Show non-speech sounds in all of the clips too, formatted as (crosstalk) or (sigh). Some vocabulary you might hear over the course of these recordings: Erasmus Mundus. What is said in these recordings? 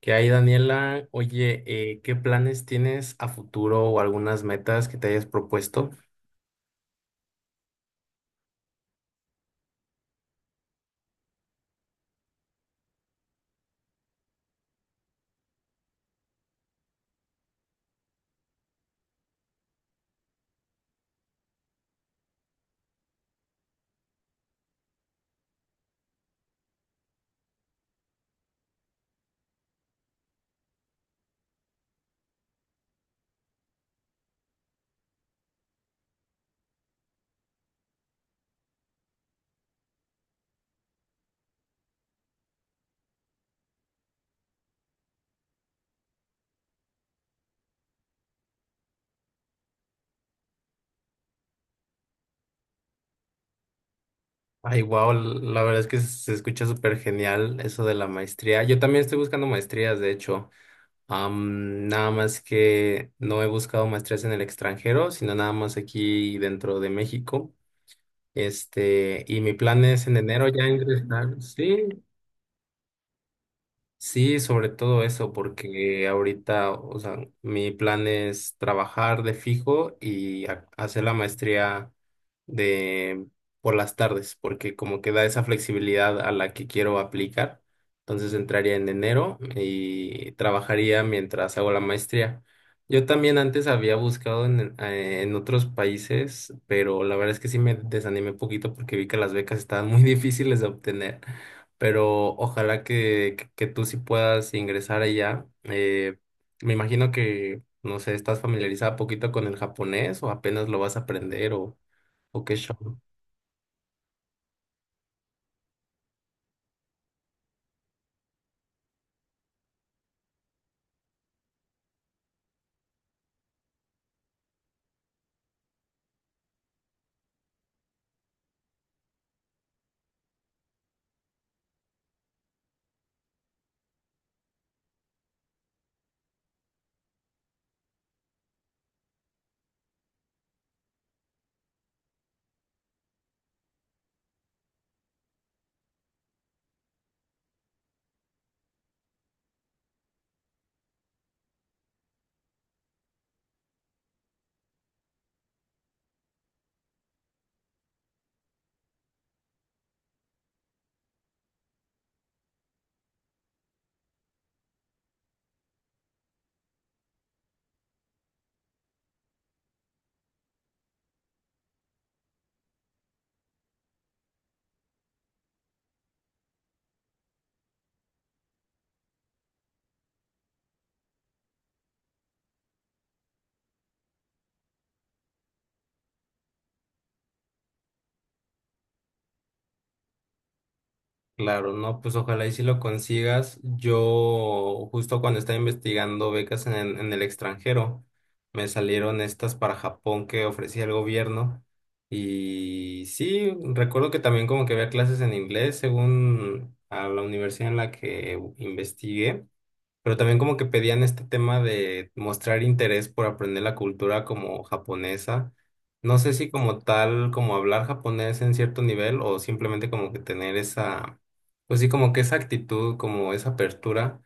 ¿Qué hay, Daniela? Oye, ¿qué planes tienes a futuro o algunas metas que te hayas propuesto? Ay, wow, la verdad es que se escucha súper genial eso de la maestría. Yo también estoy buscando maestrías, de hecho. Nada más que no he buscado maestrías en el extranjero, sino nada más aquí dentro de México. Este, y mi plan es en enero ya ingresar. Sí, sí, sobre todo eso, porque ahorita, o sea, mi plan es trabajar de fijo y hacer la maestría de por las tardes, porque como que da esa flexibilidad a la que quiero aplicar. Entonces entraría en enero y trabajaría mientras hago la maestría. Yo también antes había buscado en otros países, pero la verdad es que sí me desanimé un poquito porque vi que las becas estaban muy (laughs) difíciles de obtener, pero ojalá que tú sí puedas ingresar allá. Me imagino que, no sé, estás familiarizada poquito con el japonés o apenas lo vas a aprender o qué show. Claro, no, pues ojalá y si lo consigas. Yo justo cuando estaba investigando becas en, en el extranjero, me salieron estas para Japón que ofrecía el gobierno. Y sí, recuerdo que también como que había clases en inglés según a la universidad en la que investigué. Pero también como que pedían este tema de mostrar interés por aprender la cultura como japonesa. No sé si como tal, como hablar japonés en cierto nivel o simplemente como que tener esa, pues sí, como que esa actitud, como esa apertura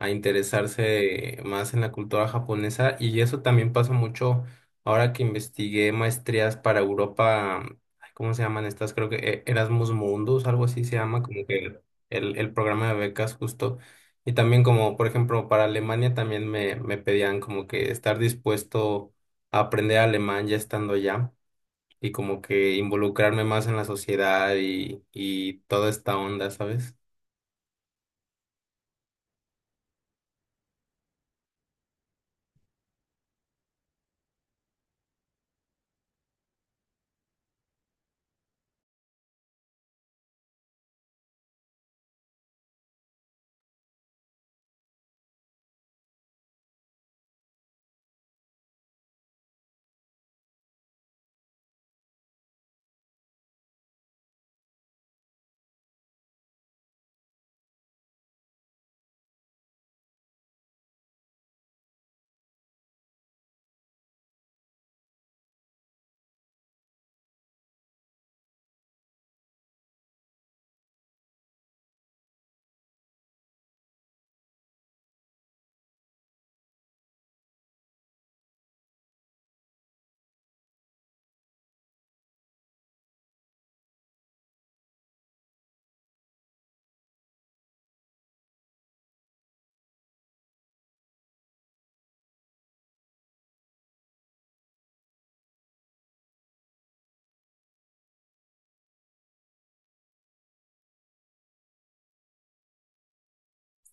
a interesarse más en la cultura japonesa. Y eso también pasa mucho ahora que investigué maestrías para Europa. Ay, ¿cómo se llaman estas? Creo que Erasmus Mundus, algo así se llama, como que el programa de becas justo. Y también como, por ejemplo, para Alemania también me pedían como que estar dispuesto a aprender alemán ya estando allá y como que involucrarme más en la sociedad y toda esta onda, ¿sabes?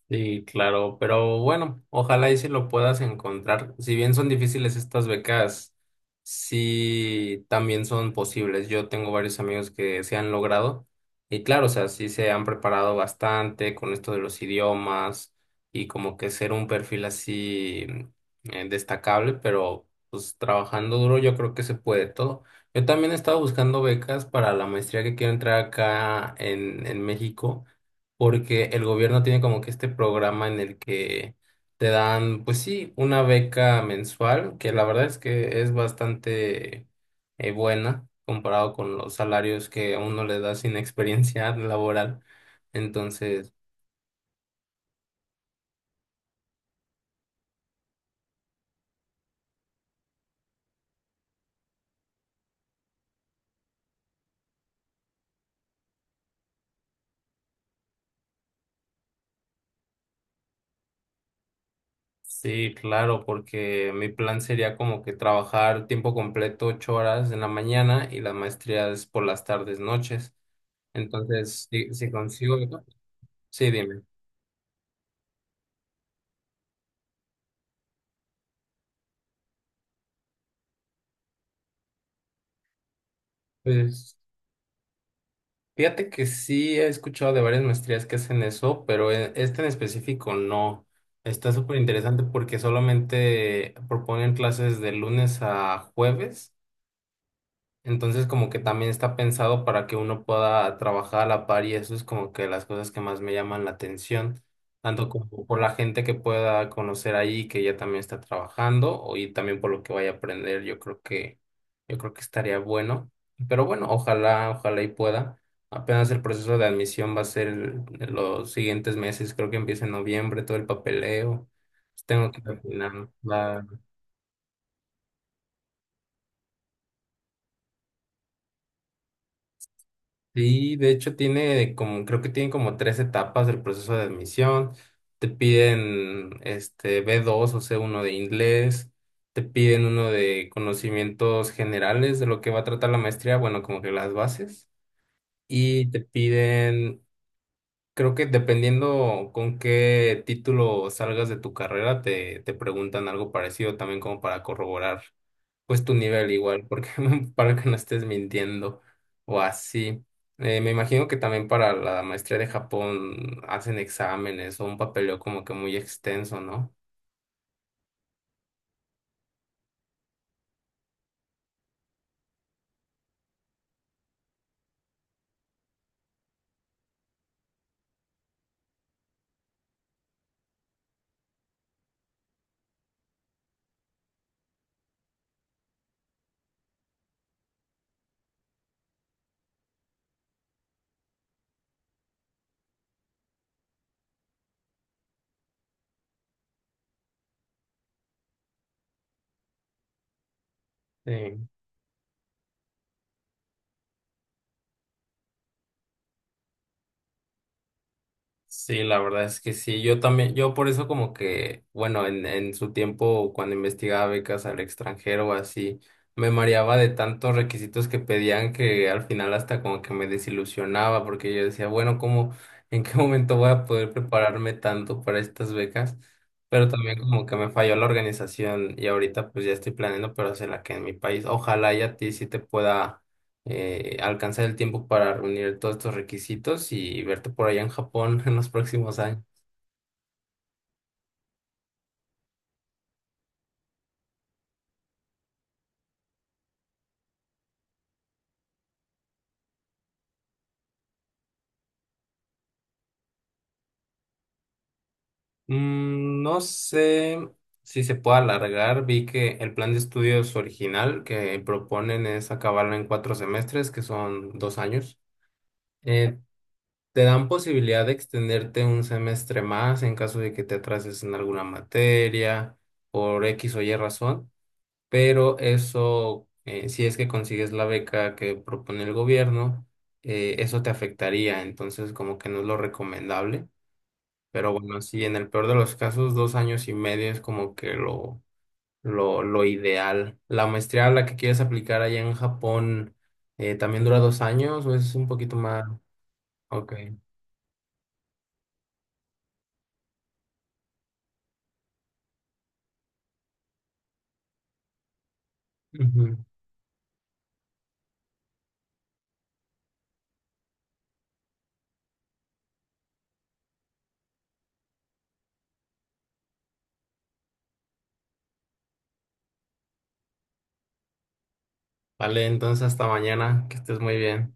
Sí, claro, pero bueno, ojalá y si lo puedas encontrar. Si bien son difíciles estas becas, sí también son posibles. Yo tengo varios amigos que se han logrado y claro, o sea, sí se han preparado bastante con esto de los idiomas y como que ser un perfil así destacable, pero pues trabajando duro yo creo que se puede todo. Yo también estaba buscando becas para la maestría que quiero entrar acá en México porque el gobierno tiene como que este programa en el que te dan, pues sí, una beca mensual, que la verdad es que es bastante buena comparado con los salarios que a uno le da sin experiencia (laughs) laboral. Entonces, sí, claro, porque mi plan sería como que trabajar tiempo completo, 8 horas en la mañana y la maestría es por las tardes, noches. Entonces, si consigo, ¿no? Sí, dime. Pues fíjate que sí he escuchado de varias maestrías que hacen eso, pero esta en específico no. Está súper interesante porque solamente proponen clases de lunes a jueves. Entonces como que también está pensado para que uno pueda trabajar a la par y eso es como que las cosas que más me llaman la atención, tanto como por la gente que pueda conocer ahí que ya también está trabajando y también por lo que vaya a aprender, yo creo que estaría bueno. Pero bueno, ojalá, ojalá y pueda. Apenas el proceso de admisión va a ser en los siguientes meses, creo que empieza en noviembre todo el papeleo. Pues tengo que terminar. Sí, de hecho tiene como, creo que tiene como tres etapas del proceso de admisión. Te piden este B2 o C1 de inglés, te piden uno de conocimientos generales de lo que va a tratar la maestría, bueno, como que las bases, y te piden, creo que dependiendo con qué título salgas de tu carrera, te preguntan algo parecido también como para corroborar pues tu nivel igual, porque (laughs) para que no estés mintiendo o así. Me imagino que también para la maestría de Japón hacen exámenes o un papeleo como que muy extenso, ¿no? Sí. Sí, la verdad es que sí. Yo también, yo por eso como que, bueno, en su tiempo cuando investigaba becas al extranjero o así, me mareaba de tantos requisitos que pedían que al final hasta como que me desilusionaba porque yo decía, bueno, ¿cómo, en qué (laughs) momento voy a poder prepararme tanto para estas becas? Pero también como que me falló la organización y ahorita pues ya estoy planeando, pero hacerla que en mi país. Ojalá y a ti sí te pueda alcanzar el tiempo para reunir todos estos requisitos y verte por allá en Japón (laughs) en los próximos años. Mm, no sé si se puede alargar. Vi que el plan de estudios original que proponen es acabarlo en 4 semestres, que son 2 años. Eh, te dan posibilidad de extenderte un semestre más en caso de que te atrases en alguna materia por X o Y razón. Pero eso, si es que consigues la beca que propone el gobierno, eso te afectaría, entonces como que no es lo recomendable, pero bueno, sí, en el peor de los casos, 2 años y medio es como que lo, ideal. La maestría a la que quieres aplicar allá en Japón, ¿también dura 2 años o es un poquito más? Ok. Ujú. Vale, entonces hasta mañana, que estés muy bien.